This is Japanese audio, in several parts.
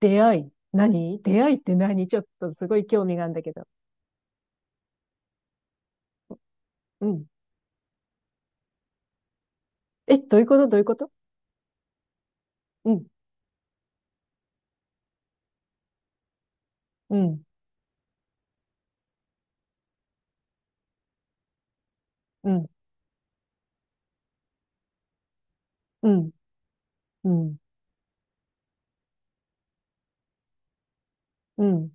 出会い？何出会いって？何？ちょっとすごい興味があるんだけど。うん。え、どういうこと？どういうこと？うん、うん、うん、うん、うん、うん、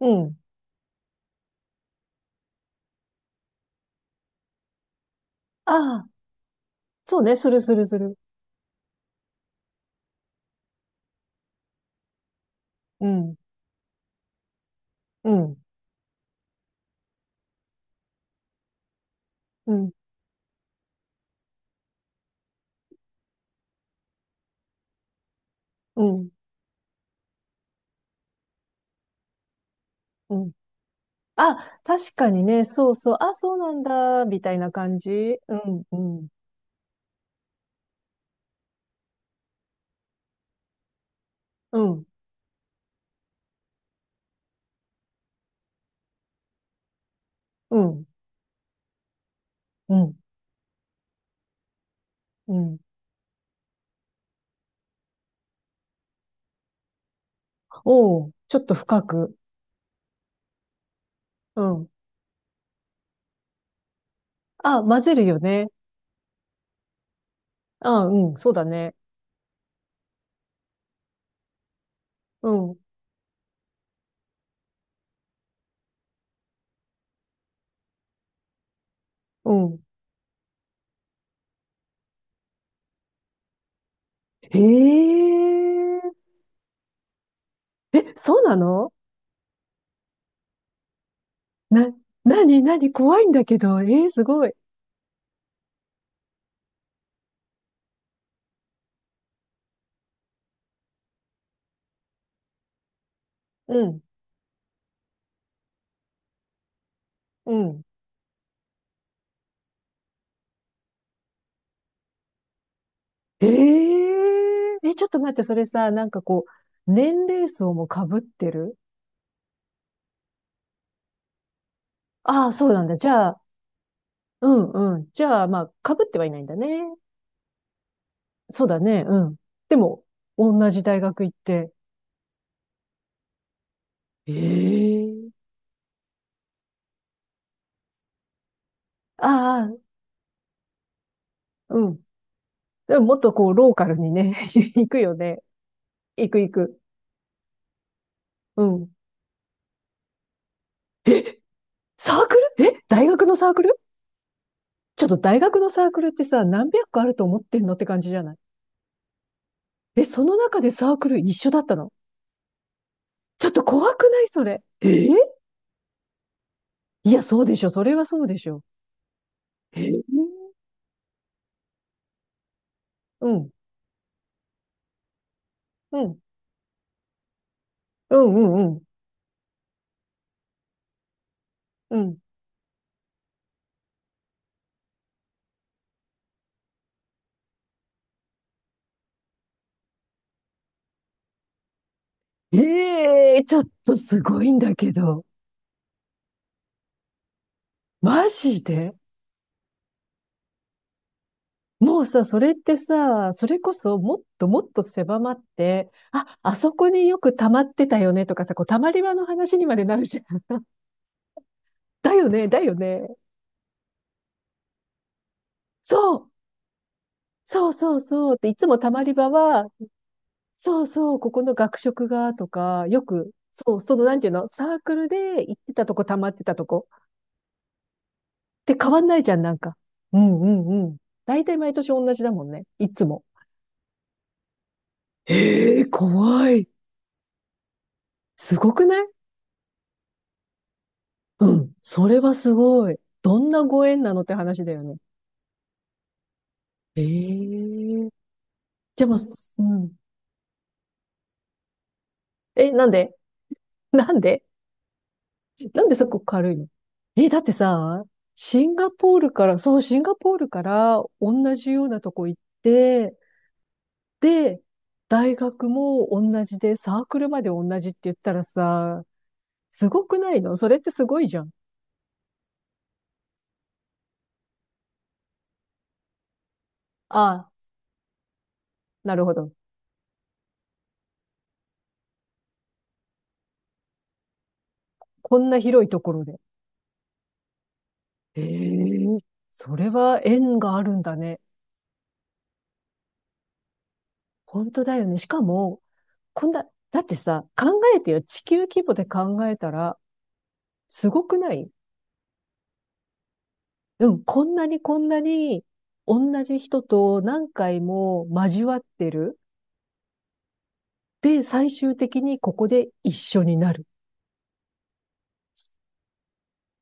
うん。ああ、そうね、するするする。うん、うん、うん、うん、うん。あ、確かにね、そうそう、あ、そうなんだ、みたいな感じ。うん、うん、うん、うん、うん、うん。おう、ちょっと深く。うん。あ、混ぜるよね。あ、うん、そうだね。うん、うん。へえ。え、そうなの？な、なになに怖いんだけど。えー、すごい。うん、うん。えええ、ちょっと待って、それさ、なんかこう、年齢層も被ってる？ああ、そうなんだ。じゃあ、うんうん。じゃあ、まあ、被ってはいないんだね。そうだね、うん。でも、同じ大学行って。ええ？ああ、うん。でももっとこう、ローカルにね、行くよね。行く行く。うん。え、サークル？え、大学のサークル？ちょっと大学のサークルってさ、何百個あると思ってんのって感じじゃない？で、その中でサークル一緒だったの。ちょっと怖くないそれ。えー。いや、そうでしょ。それはそうでしょ。えー。うん、うん、うん、うん、うん。うん。ええー、ちょっとすごいんだけど。マジで？もうさ、それってさ、それこそもっともっと狭まって、あ、あそこによく溜まってたよねとかさ、こう溜まり場の話にまでなるじゃん。だよね、だよね。そうそうそうそうって、いつもたまり場は、そうそう、ここの学食がとか、よく、そう、そのなんていうの、サークルで行ってたとこ、たまってたとこって変わんないじゃん、なんか。うんうんうん。大体毎年同じだもんね、いつも。ええ、怖い。すごくない？うん、それはすごい。どんなご縁なのって話だよね。ええ。じゃあもう、うん。え、なんで？なんで？なんでそこ軽いの？え、だってさ、シンガポールから、そう、シンガポールから同じようなとこ行って、で、大学も同じで、サークルまで同じって言ったらさ、すごくないのそれって？すごいじゃん。ああ、なるほど。こんな広いところで。ええ。それは縁があるんだね。本当だよね。しかも、こんな、だってさ、考えてよ。地球規模で考えたら、すごくない？うん、こんなにこんなに同じ人と何回も交わってる。で、最終的にここで一緒になる。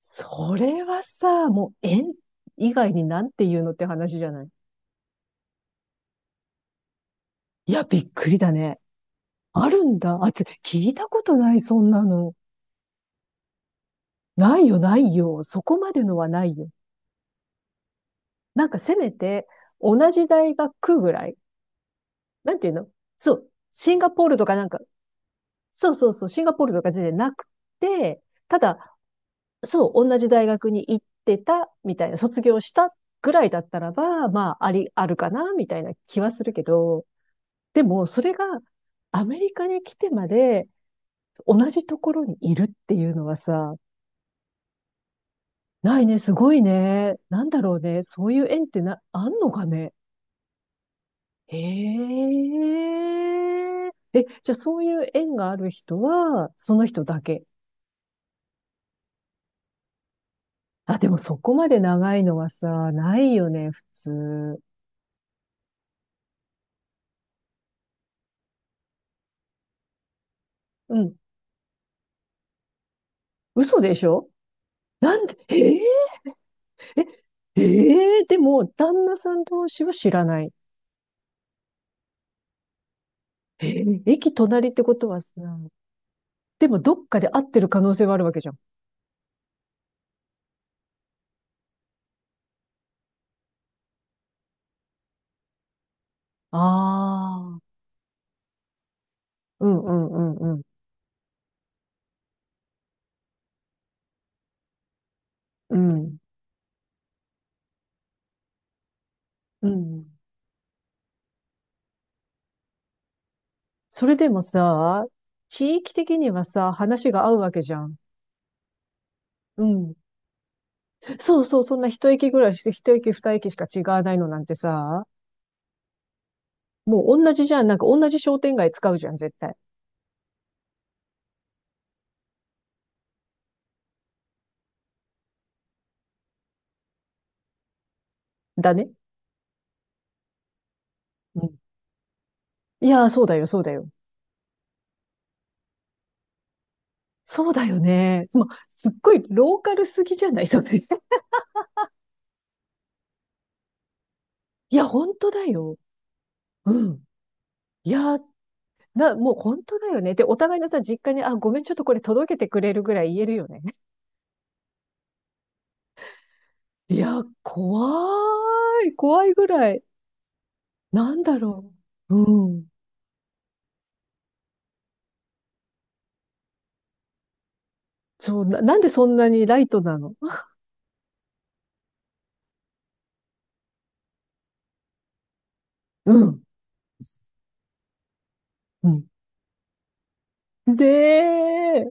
それはさ、もう縁以外になんて言うのって話じゃない？いや、びっくりだね。あるんだ。あ、聞いたことない、そんなの。ないよ、ないよ。そこまでのはないよ。なんかせめて、同じ大学ぐらい。なんていうの？そう。シンガポールとかなんか、そうそうそう、シンガポールとか全然なくて、ただ、そう、同じ大学に行ってた、みたいな、卒業したぐらいだったらば、まあ、あるかな、みたいな気はするけど、でも、それが、アメリカに来てまで、同じところにいるっていうのはさ、ないね、すごいね。なんだろうね。そういう縁ってな、あんのかね。へえ。え、じゃあそういう縁がある人は、その人だけ。あ、でもそこまで長いのはさ、ないよね、普通。うん。嘘でしょ？なんで、でも、旦那さん同士は知らない。えー、駅隣ってことはさ、でもどっかで会ってる可能性はあるわけじゃん。ああ、うんうんうんうん。うん。うん。それでもさ、地域的にはさ、話が合うわけじゃん。うん。そうそう、そんな一駅ぐらいして、一駅二駅しか違わないのなんてさ、もう同じじゃん。なんか同じ商店街使うじゃん、絶対。だね。うん。いやー、そうだよ、そうだよ。そうだよね。もう、すっごいローカルすぎじゃないそれ。いや、本当だよ。うん。いや、もう本当だよね。で、お互いのさ、実家に、あ、ごめん、ちょっとこれ届けてくれるぐらい言えるよね。いや、怖い。怖いぐらい。なんだろう。うん。そう、なんでそんなにライトなの？うん。うん。で、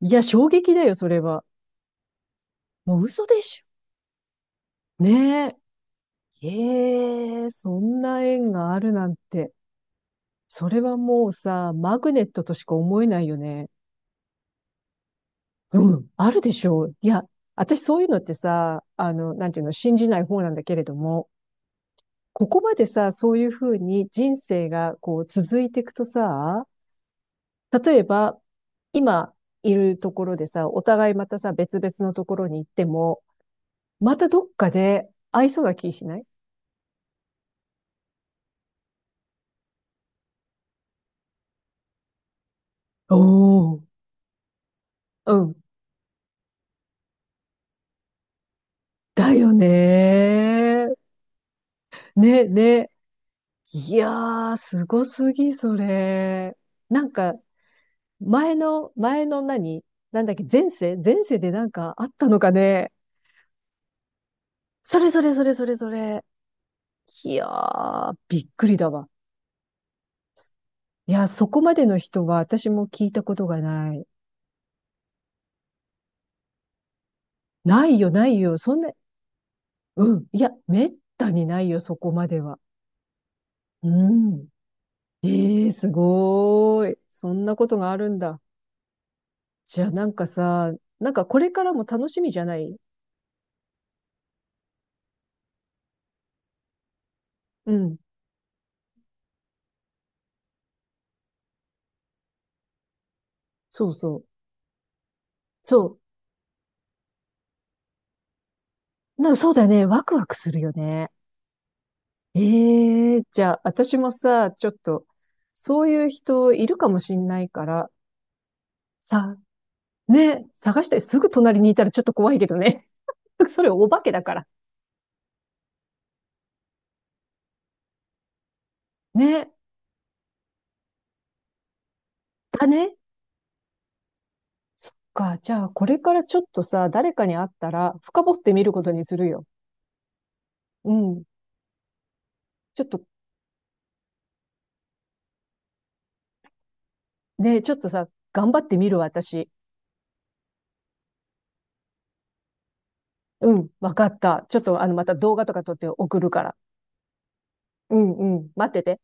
いや、衝撃だよ、それは。もう嘘でしょ。ねえ。ええ、そんな縁があるなんて。それはもうさ、マグネットとしか思えないよね。うん、あるでしょう。いや、私そういうのってさ、なんていうの、信じない方なんだけれども、ここまでさ、そういうふうに人生がこう続いていくとさ、例えば、今いるところでさ、お互いまたさ、別々のところに行っても、またどっかで会いそうな気しない？おー、うん。だよねー。ね、ね。いやー、すごすぎ、それ。なんか、前の何なんだっけ、前世前世でなんかあったのかね。それそれそれそれそれ。いやー、びっくりだわ。いや、そこまでの人は私も聞いたことがない。ないよ、ないよ。そんな、うん。いや、めったにないよ、そこまでは。うん。ええー、すごーい。そんなことがあるんだ。じゃあなんかさ、なんかこれからも楽しみじゃない？うん。そうそう。そう。そうだよね。ワクワクするよね。ええ。じゃあ、私もさ、ちょっと、そういう人いるかもしんないから、さ、ね、探してすぐ隣にいたらちょっと怖いけどね。それお化けだから。ね、だね。そっか。じゃあ、これからちょっとさ、誰かに会ったら、深掘ってみることにするよ。うん。ちょっと、ね、ちょっとさ、頑張ってみるわ、私。うん、わかった。ちょっと、また動画とか撮って送るから。うん、うん、待ってて。